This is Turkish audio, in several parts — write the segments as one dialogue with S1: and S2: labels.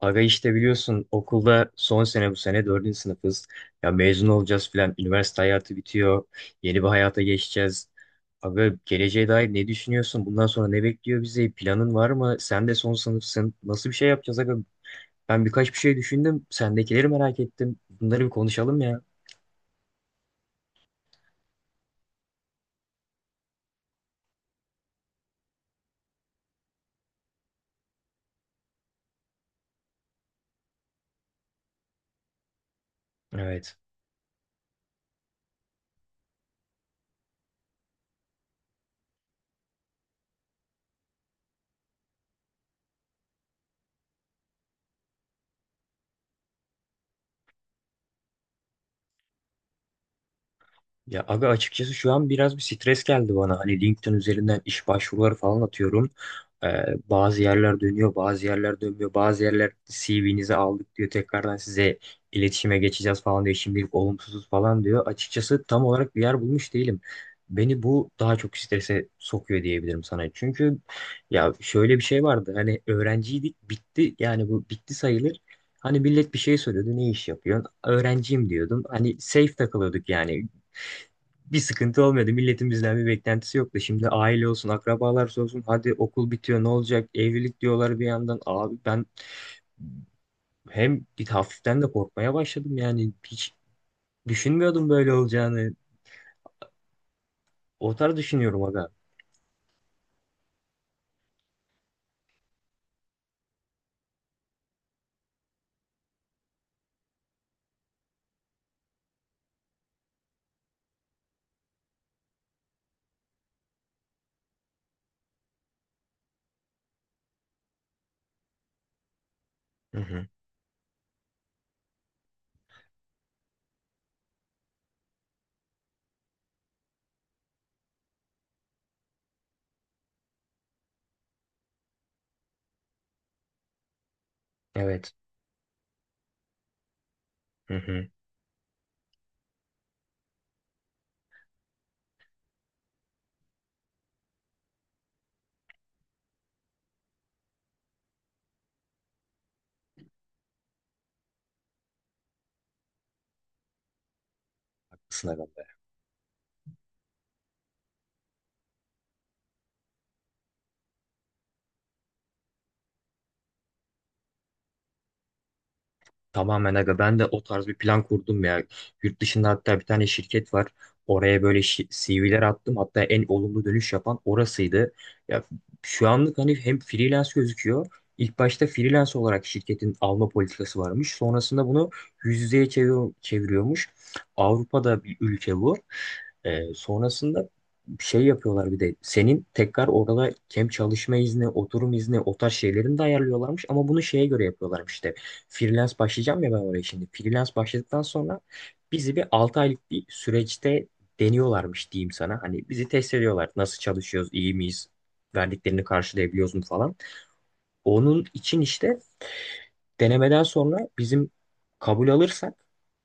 S1: Aga işte biliyorsun okulda son sene bu sene dördüncü sınıfız. Ya mezun olacağız filan. Üniversite hayatı bitiyor. Yeni bir hayata geçeceğiz. Aga geleceğe dair ne düşünüyorsun? Bundan sonra ne bekliyor bizi? Planın var mı? Sen de son sınıfsın. Nasıl bir şey yapacağız aga? Ben birkaç bir şey düşündüm. Sendekileri merak ettim. Bunları bir konuşalım ya. Evet. Ya abi açıkçası şu an biraz bir stres geldi bana. Hani LinkedIn üzerinden iş başvuruları falan atıyorum. Ee, bazı yerler dönüyor, bazı yerler dönmüyor. Bazı yerler CV'nizi aldık diyor. Tekrardan size iletişime geçeceğiz falan diyor. Şimdilik olumsuzuz falan diyor. Açıkçası tam olarak bir yer bulmuş değilim. Beni bu daha çok strese sokuyor diyebilirim sana. Çünkü ya şöyle bir şey vardı. Hani öğrenciydik bitti. Yani bu bitti sayılır. Hani millet bir şey soruyordu. Ne iş yapıyorsun? Öğrenciyim diyordum. Hani safe takılıyorduk yani bir sıkıntı olmuyordu. Milletin bizden bir beklentisi yoktu. Şimdi aile olsun, akrabalar olsun. Hadi okul bitiyor ne olacak? Evlilik diyorlar bir yandan. Abi ben hem bir hafiften de korkmaya başladım yani. Hiç düşünmüyordum böyle olacağını. O tarz düşünüyorum aga. Hı hı. Evet. Hı hı. Haklısın aga. Tamamen aga ben de o tarz bir plan kurdum ya. Yurt dışında hatta bir tane şirket var. Oraya böyle CV'ler attım. Hatta en olumlu dönüş yapan orasıydı. Ya şu anlık hani hem freelance gözüküyor. İlk başta freelance olarak şirketin alma politikası varmış. Sonrasında bunu yüz yüzeye çeviriyormuş. Avrupa'da bir ülke bu. Sonrasında şey yapıyorlar bir de senin tekrar orada hem çalışma izni, oturum izni o tarz şeylerini de ayarlıyorlarmış ama bunu şeye göre yapıyorlarmış işte. Freelance başlayacağım ya ben oraya şimdi. Freelance başladıktan sonra bizi bir 6 aylık bir süreçte deniyorlarmış diyeyim sana. Hani bizi test ediyorlar. Nasıl çalışıyoruz, iyi miyiz, verdiklerini karşılayabiliyoruz mu falan. Onun için işte denemeden sonra bizim kabul alırsak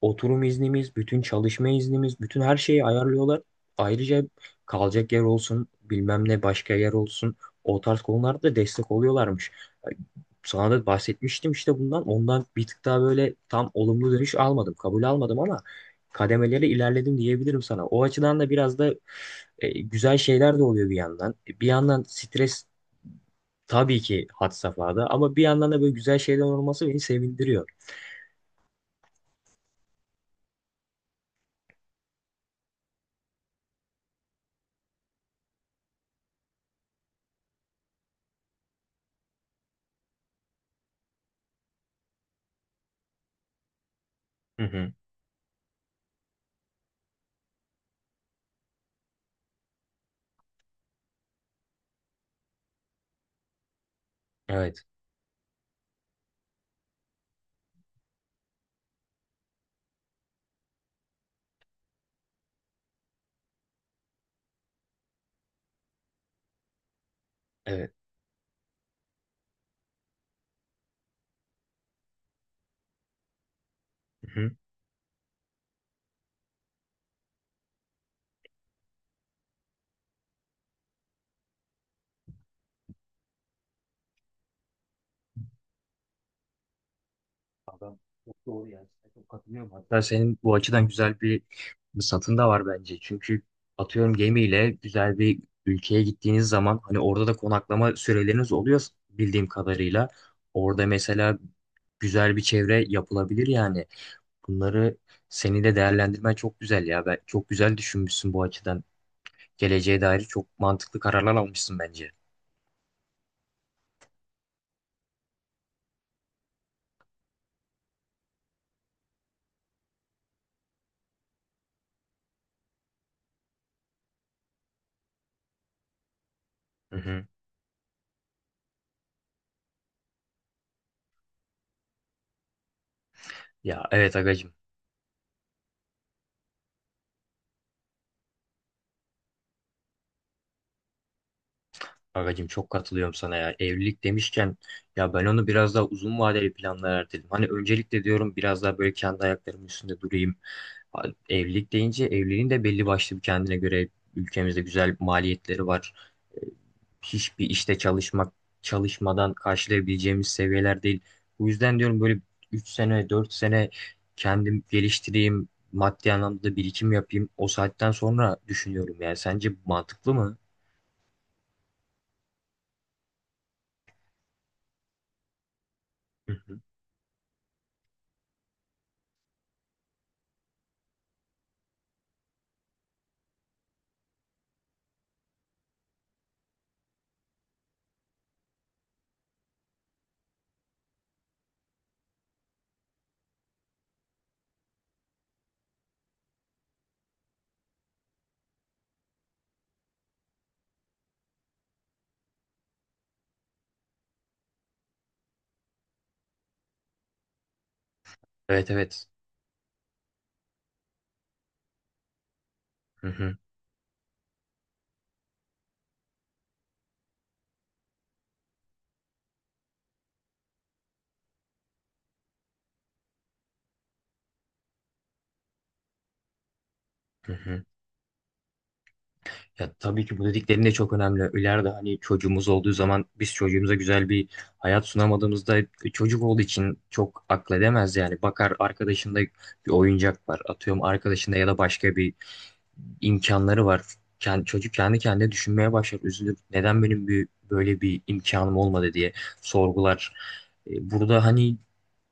S1: oturum iznimiz, bütün çalışma iznimiz, bütün her şeyi ayarlıyorlar. Ayrıca kalacak yer olsun, bilmem ne başka yer olsun. O tarz konularda da destek oluyorlarmış. Sana da bahsetmiştim işte bundan. Ondan bir tık daha böyle tam olumlu dönüş almadım, kabul almadım ama kademeleri ilerledim diyebilirim sana. O açıdan da biraz da güzel şeyler de oluyor bir yandan. Bir yandan stres. Tabii ki had safhada ama bir yandan da böyle güzel şeyler olması beni sevindiriyor. Hı hı. Evet. Evet. Hı hı. Adam çok doğru yani. Çok katılıyorum. Hatta senin bu açıdan güzel bir satın da var bence. Çünkü atıyorum gemiyle güzel bir ülkeye gittiğiniz zaman hani orada da konaklama süreleriniz oluyor bildiğim kadarıyla. Orada mesela güzel bir çevre yapılabilir yani. Bunları seni de değerlendirmen çok güzel ya. Ben çok güzel düşünmüşsün bu açıdan. Geleceğe dair çok mantıklı kararlar almışsın bence. Hı hı. Ya evet agacım. Agacığım çok katılıyorum sana ya. Evlilik demişken ya ben onu biraz daha uzun vadeli planlara erteledim. Hani öncelikle diyorum biraz daha böyle kendi ayaklarımın üstünde durayım. Ha, Evlilik deyince evliliğin de belli başlı bir kendine göre ülkemizde güzel maliyetleri var. E, Hiçbir işte çalışmak çalışmadan karşılayabileceğimiz seviyeler değil. Bu yüzden diyorum böyle 3 sene 4 sene kendim geliştireyim. Maddi anlamda da birikim yapayım. O saatten sonra düşünüyorum yani. Sence bu mantıklı mı? Hı hı. Evet evet. Hı hı, hı hı. Ya tabii ki bu dediklerin de çok önemli. İleride hani çocuğumuz olduğu zaman biz çocuğumuza güzel bir hayat sunamadığımızda çocuk olduğu için çok akledemez yani. Bakar arkadaşında bir oyuncak var. Atıyorum arkadaşında ya da başka bir imkanları var. Çocuk kendi kendine düşünmeye başlar, üzülür. Neden benim böyle bir imkanım olmadı diye sorgular. Burada hani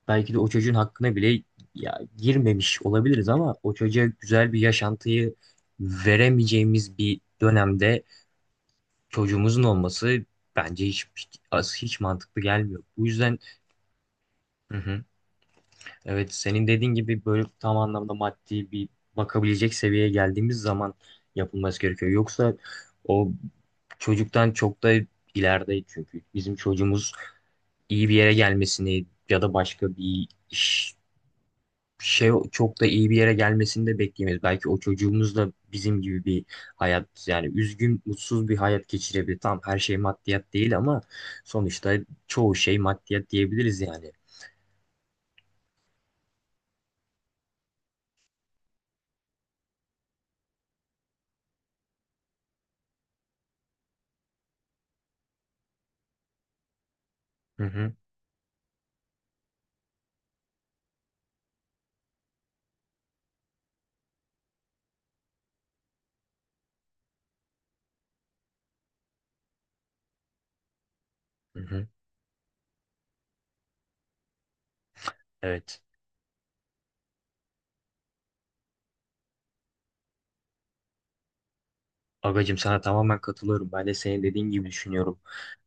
S1: belki de o çocuğun hakkına bile ya, girmemiş olabiliriz ama o çocuğa güzel bir yaşantıyı veremeyeceğimiz bir dönemde çocuğumuzun olması bence hiç mantıklı gelmiyor. Bu yüzden hı hı, evet senin dediğin gibi böyle tam anlamda maddi bir bakabilecek seviyeye geldiğimiz zaman yapılması gerekiyor. Yoksa o çocuktan çok da ileride çünkü bizim çocuğumuz iyi bir yere gelmesini ya da başka bir iş şey çok da iyi bir yere gelmesini de bekleyemeyiz. Belki o çocuğumuz da bizim gibi bir hayat yani üzgün, mutsuz bir hayat geçirebilir. Tamam her şey maddiyat değil ama sonuçta çoğu şey maddiyat diyebiliriz yani. Hı hı, hı hı. Evet. Agacım sana tamamen katılıyorum. Ben de senin dediğin gibi düşünüyorum.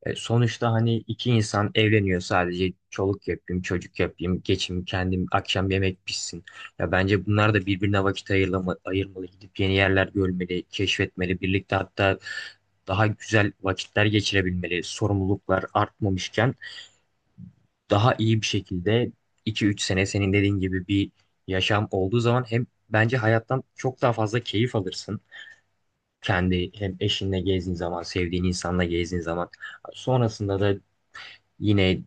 S1: Sonuçta hani iki insan evleniyor sadece çoluk yapayım, çocuk yapayım, geçim kendim akşam yemek pişsin. Ya bence bunlar da birbirine vakit ayırmalı, gidip yeni yerler görmeli, keşfetmeli, birlikte hatta daha güzel vakitler geçirebilmeli. Sorumluluklar artmamışken daha iyi bir şekilde 2-3 sene senin dediğin gibi bir yaşam olduğu zaman hem bence hayattan çok daha fazla keyif alırsın. Kendi hem eşinle gezdiğin zaman, sevdiğin insanla gezdiğin zaman. Sonrasında da yine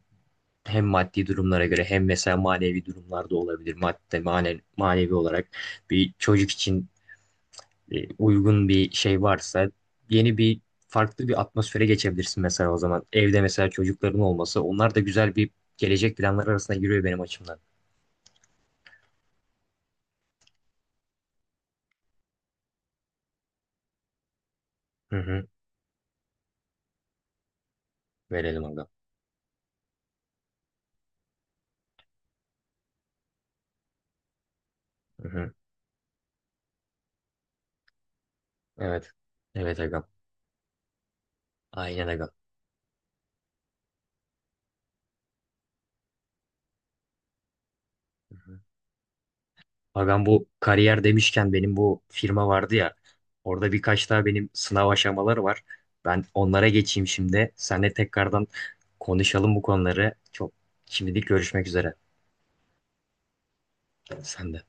S1: hem maddi durumlara göre hem mesela manevi durumlarda olabilir. Manevi olarak bir çocuk için uygun bir şey varsa yeni bir farklı bir atmosfere geçebilirsin mesela o zaman. Evde mesela çocukların olması onlar da güzel bir gelecek planları arasına giriyor benim açımdan. Hı hı. Verelim agam. Hı hı. Evet. Evet agam. Aynen agam. Abi ben bu kariyer demişken benim bu firma vardı ya. Orada birkaç daha benim sınav aşamaları var. Ben onlara geçeyim şimdi. Seninle tekrardan konuşalım bu konuları. Çok şimdilik görüşmek üzere. Sen de.